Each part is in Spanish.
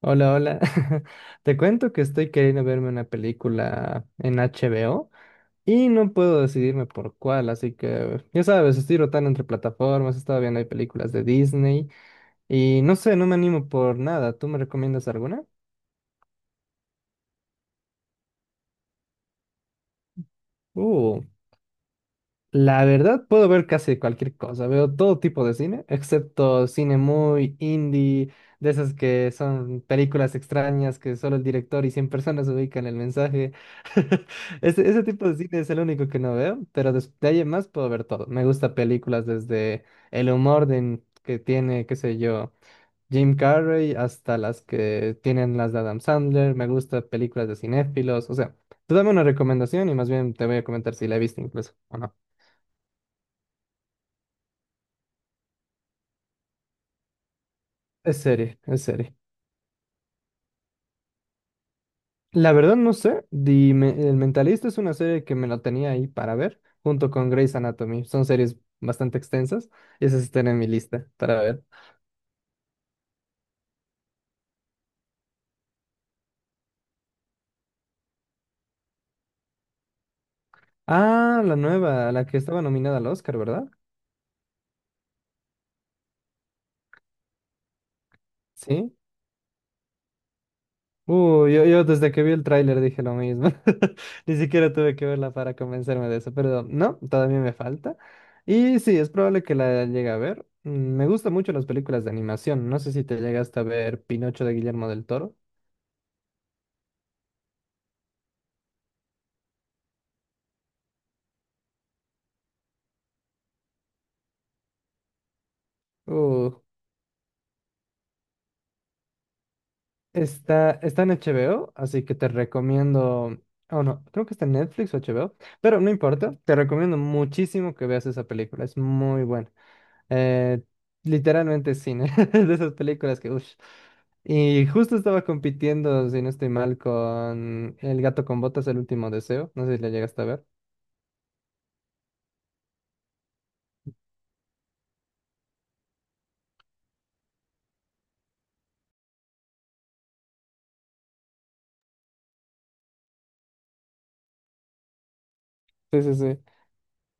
Hola, hola. Te cuento que estoy queriendo verme una película en HBO y no puedo decidirme por cuál, así que ya sabes, estoy rotando entre plataformas, estaba viendo hay películas de Disney y no sé, no me animo por nada. ¿Tú me recomiendas alguna? Uh, la verdad puedo ver casi cualquier cosa, veo todo tipo de cine, excepto cine muy indie, de esas que son películas extrañas que solo el director y 100 personas ubican el mensaje. Ese tipo de cine es el único que no veo, pero de ahí en más puedo ver todo. Me gusta películas desde el humor que tiene, qué sé yo, Jim Carrey, hasta las que tienen las de Adam Sandler. Me gusta películas de cinéfilos. O sea, tú dame una recomendación y más bien te voy a comentar si la he visto incluso o no. Es serie, es serie. La verdad no sé. Dime, El Mentalista es una serie que me la tenía ahí para ver, junto con Grey's Anatomy. Son series bastante extensas y esas están en mi lista para ver. Ah, la nueva, la que estaba nominada al Oscar, ¿verdad? Sí. Yo desde que vi el tráiler dije lo mismo. Ni siquiera tuve que verla para convencerme de eso, pero no, todavía me falta. Y sí, es probable que la llegue a ver. Me gustan mucho las películas de animación. No sé si te llegaste a ver Pinocho de Guillermo del Toro. Uh, está en HBO, así que te recomiendo. Oh, no, creo que está en Netflix o HBO, pero no importa. Te recomiendo muchísimo que veas esa película. Es muy buena. Eh, literalmente cine, de esas películas que, uff. Y justo estaba compitiendo, si no estoy mal, con El gato con botas, El último deseo. No sé si la llegaste a ver. Sí, sí, sí.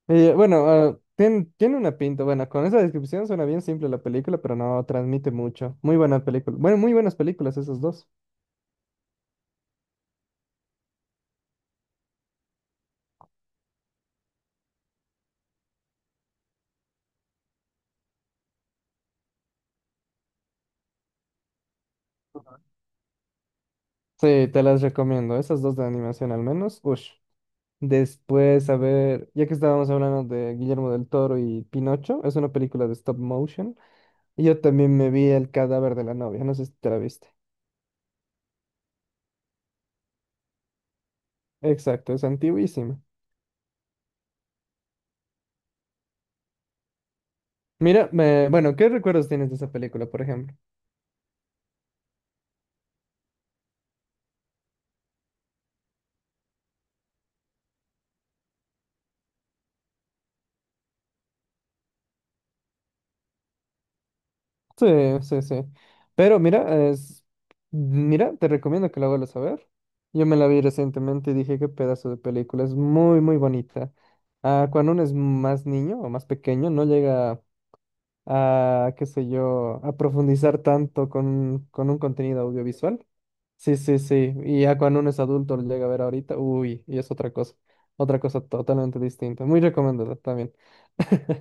Y, bueno, ah, tiene una pinta. Bueno, con esa descripción suena bien simple la película, pero no transmite mucho. Muy buena película. Bueno, muy buenas películas esas dos. Sí, te las recomiendo. Esas dos de animación al menos. Ush. Después, a ver, ya que estábamos hablando de Guillermo del Toro y Pinocho, es una película de stop motion. Y yo también me vi el cadáver de la novia, no sé si te la viste. Exacto, es antiguísima. Mira, bueno, ¿qué recuerdos tienes de esa película, por ejemplo? Sí, sí, sí. Pero mira, te recomiendo que la vuelvas a ver. Yo me la vi recientemente y dije, qué pedazo de película, es muy, muy bonita. Ah, cuando uno es más niño o más pequeño, no llega a, qué sé yo, a profundizar tanto con un contenido audiovisual. Sí, sí, sí. Y ya cuando uno es adulto lo llega a ver ahorita, uy, y es otra cosa. Otra cosa totalmente distinta. Muy recomendada también.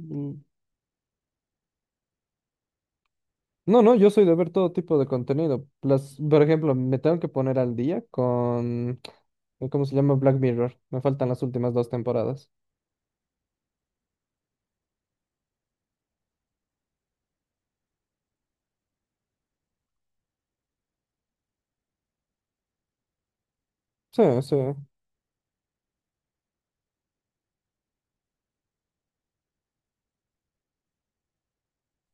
Mm, no, no, yo soy de ver todo tipo de contenido. Las, por ejemplo, me tengo que poner al día con, ¿cómo se llama? Black Mirror. Me faltan las últimas dos temporadas. Sí, sí.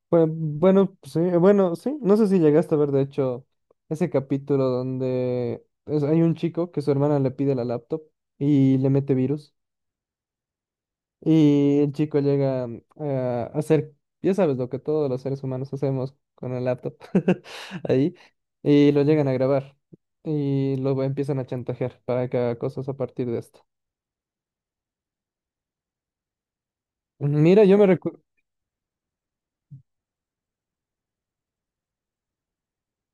Pues, bueno, sí, bueno, sí. No sé si llegaste a ver, de hecho, ese capítulo donde hay un chico que su hermana le pide la laptop y le mete virus. Y el chico llega a hacer, ya sabes, lo que todos los seres humanos hacemos con el laptop ahí, y lo llegan a grabar y lo empiezan a chantajear para que haga cosas a partir de esto. Mira, yo me recuerdo,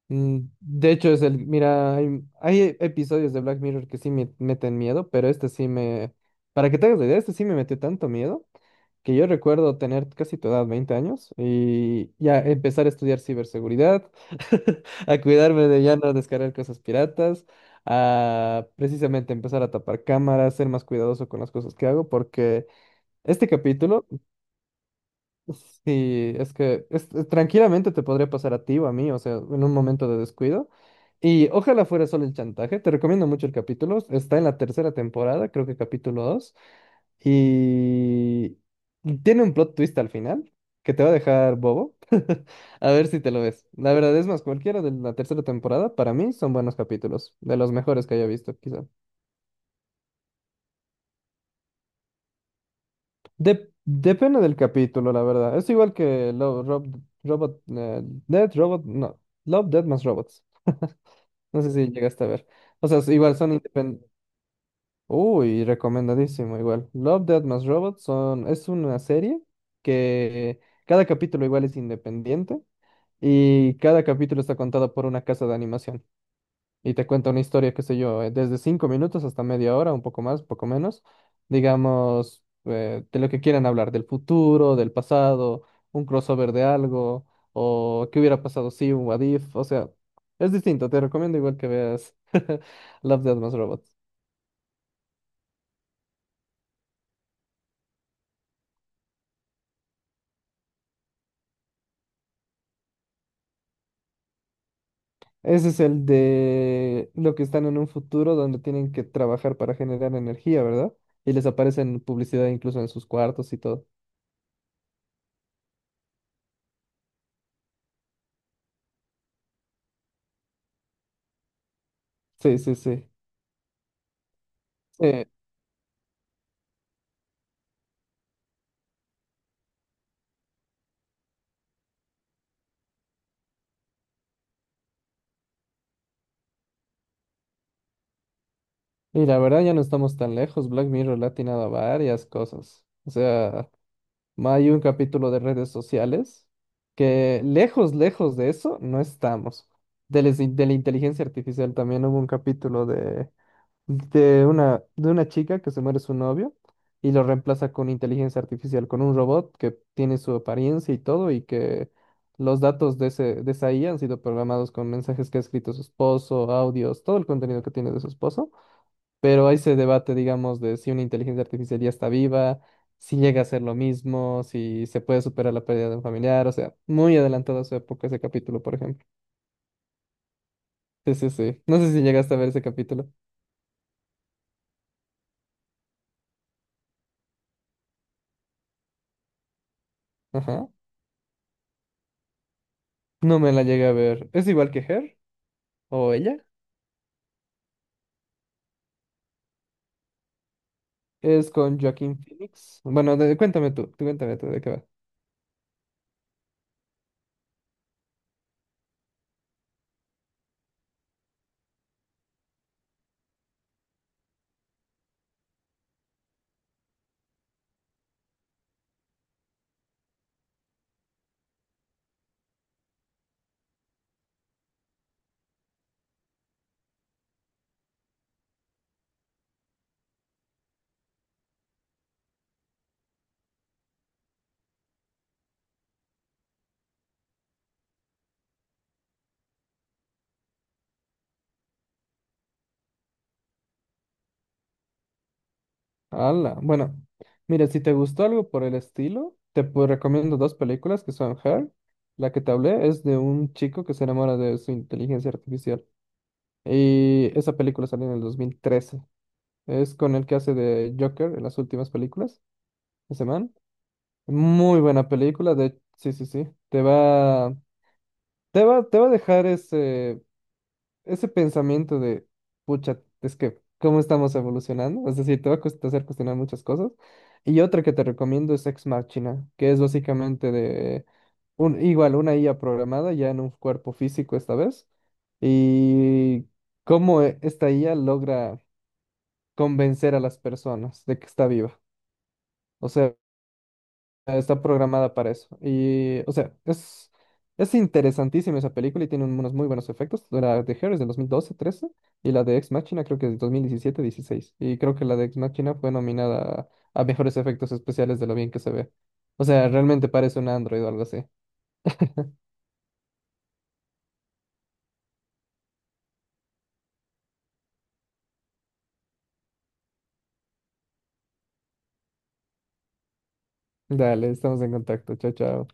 de hecho es el, mira, hay episodios de Black Mirror que sí me meten miedo, pero para que te hagas la idea, este sí me metió tanto miedo que yo recuerdo tener casi tu edad, 20 años, y ya empezar a estudiar ciberseguridad, a cuidarme de ya no descargar cosas piratas, a precisamente empezar a tapar cámaras, ser más cuidadoso con las cosas que hago, porque este capítulo, sí, es que tranquilamente te podría pasar a ti o a mí, o sea, en un momento de descuido. Y ojalá fuera solo el chantaje, te recomiendo mucho el capítulo, está en la tercera temporada, creo que capítulo 2. Y tiene un plot twist al final que te va a dejar bobo. A ver si te lo ves. La verdad es más, cualquiera de la tercera temporada para mí son buenos capítulos, de los mejores que haya visto, quizá. Depende del capítulo, la verdad. Es igual que Love, Robot, Dead Robot, no, Love, Dead más Robots. No sé si llegaste a ver. O sea, igual son independientes. Uy, recomendadísimo, igual. Love, Dead más Robots es una serie que cada capítulo igual es independiente. Y cada capítulo está contado por una casa de animación. Y te cuenta una historia, qué sé yo, desde 5 minutos hasta media hora, un poco más, poco menos. Digamos, de lo que quieran hablar, del futuro, del pasado, un crossover de algo, o qué hubiera pasado si un what if. O sea, es distinto. Te recomiendo igual que veas Love, Death Más Robots. Ese es el de lo que están en un futuro donde tienen que trabajar para generar energía, ¿verdad? Y les aparecen publicidad incluso en sus cuartos y todo. Sí, sí, sí. Sí, y la verdad ya no estamos tan lejos. Black Mirror le ha atinado a varias cosas. O sea, hay un capítulo de redes sociales que lejos, lejos de eso no estamos. De la inteligencia artificial también hubo un capítulo de una chica que se muere su novio y lo reemplaza con inteligencia artificial, con un robot que tiene su apariencia y todo y que los datos de esa IA han sido programados con mensajes que ha escrito su esposo, audios, todo el contenido que tiene de su esposo. Pero hay se debate, digamos, de si una inteligencia artificial ya está viva, si llega a ser lo mismo, si se puede superar la pérdida de un familiar, o sea, muy adelantado a su época ese capítulo, por ejemplo. Sí, sí, sí. No sé si llegaste a ver ese capítulo. Ajá. No me la llegué a ver. ¿Es igual que Her o ella? Es con Joaquín Phoenix. Bueno, tú cuéntame tú de qué va. Hala. Bueno, mira, si te gustó algo por el estilo, recomiendo dos películas que son Her. La que te hablé es de un chico que se enamora de su inteligencia artificial. Y esa película salió en el 2013. Es con el que hace de Joker en las últimas películas, ese man. Muy buena película. Sí, sí, sí. Te va a dejar ese pensamiento de, pucha, es que, ¿cómo estamos evolucionando? Es decir, te va a hacer cuestionar muchas cosas. Y otra que te recomiendo es Ex Machina, que es básicamente de, igual, una IA programada ya en un cuerpo físico esta vez. Y cómo esta IA logra convencer a las personas de que está viva. O sea, está programada para eso. Y, o sea, es interesantísima esa película y tiene unos muy buenos efectos. La de Her es del 2012-13 y la de Ex Machina creo que es del 2017-16. Y creo que la de Ex Machina fue nominada a mejores efectos especiales de lo bien que se ve. O sea, realmente parece un Android o algo así. Dale, estamos en contacto. Chao, chao.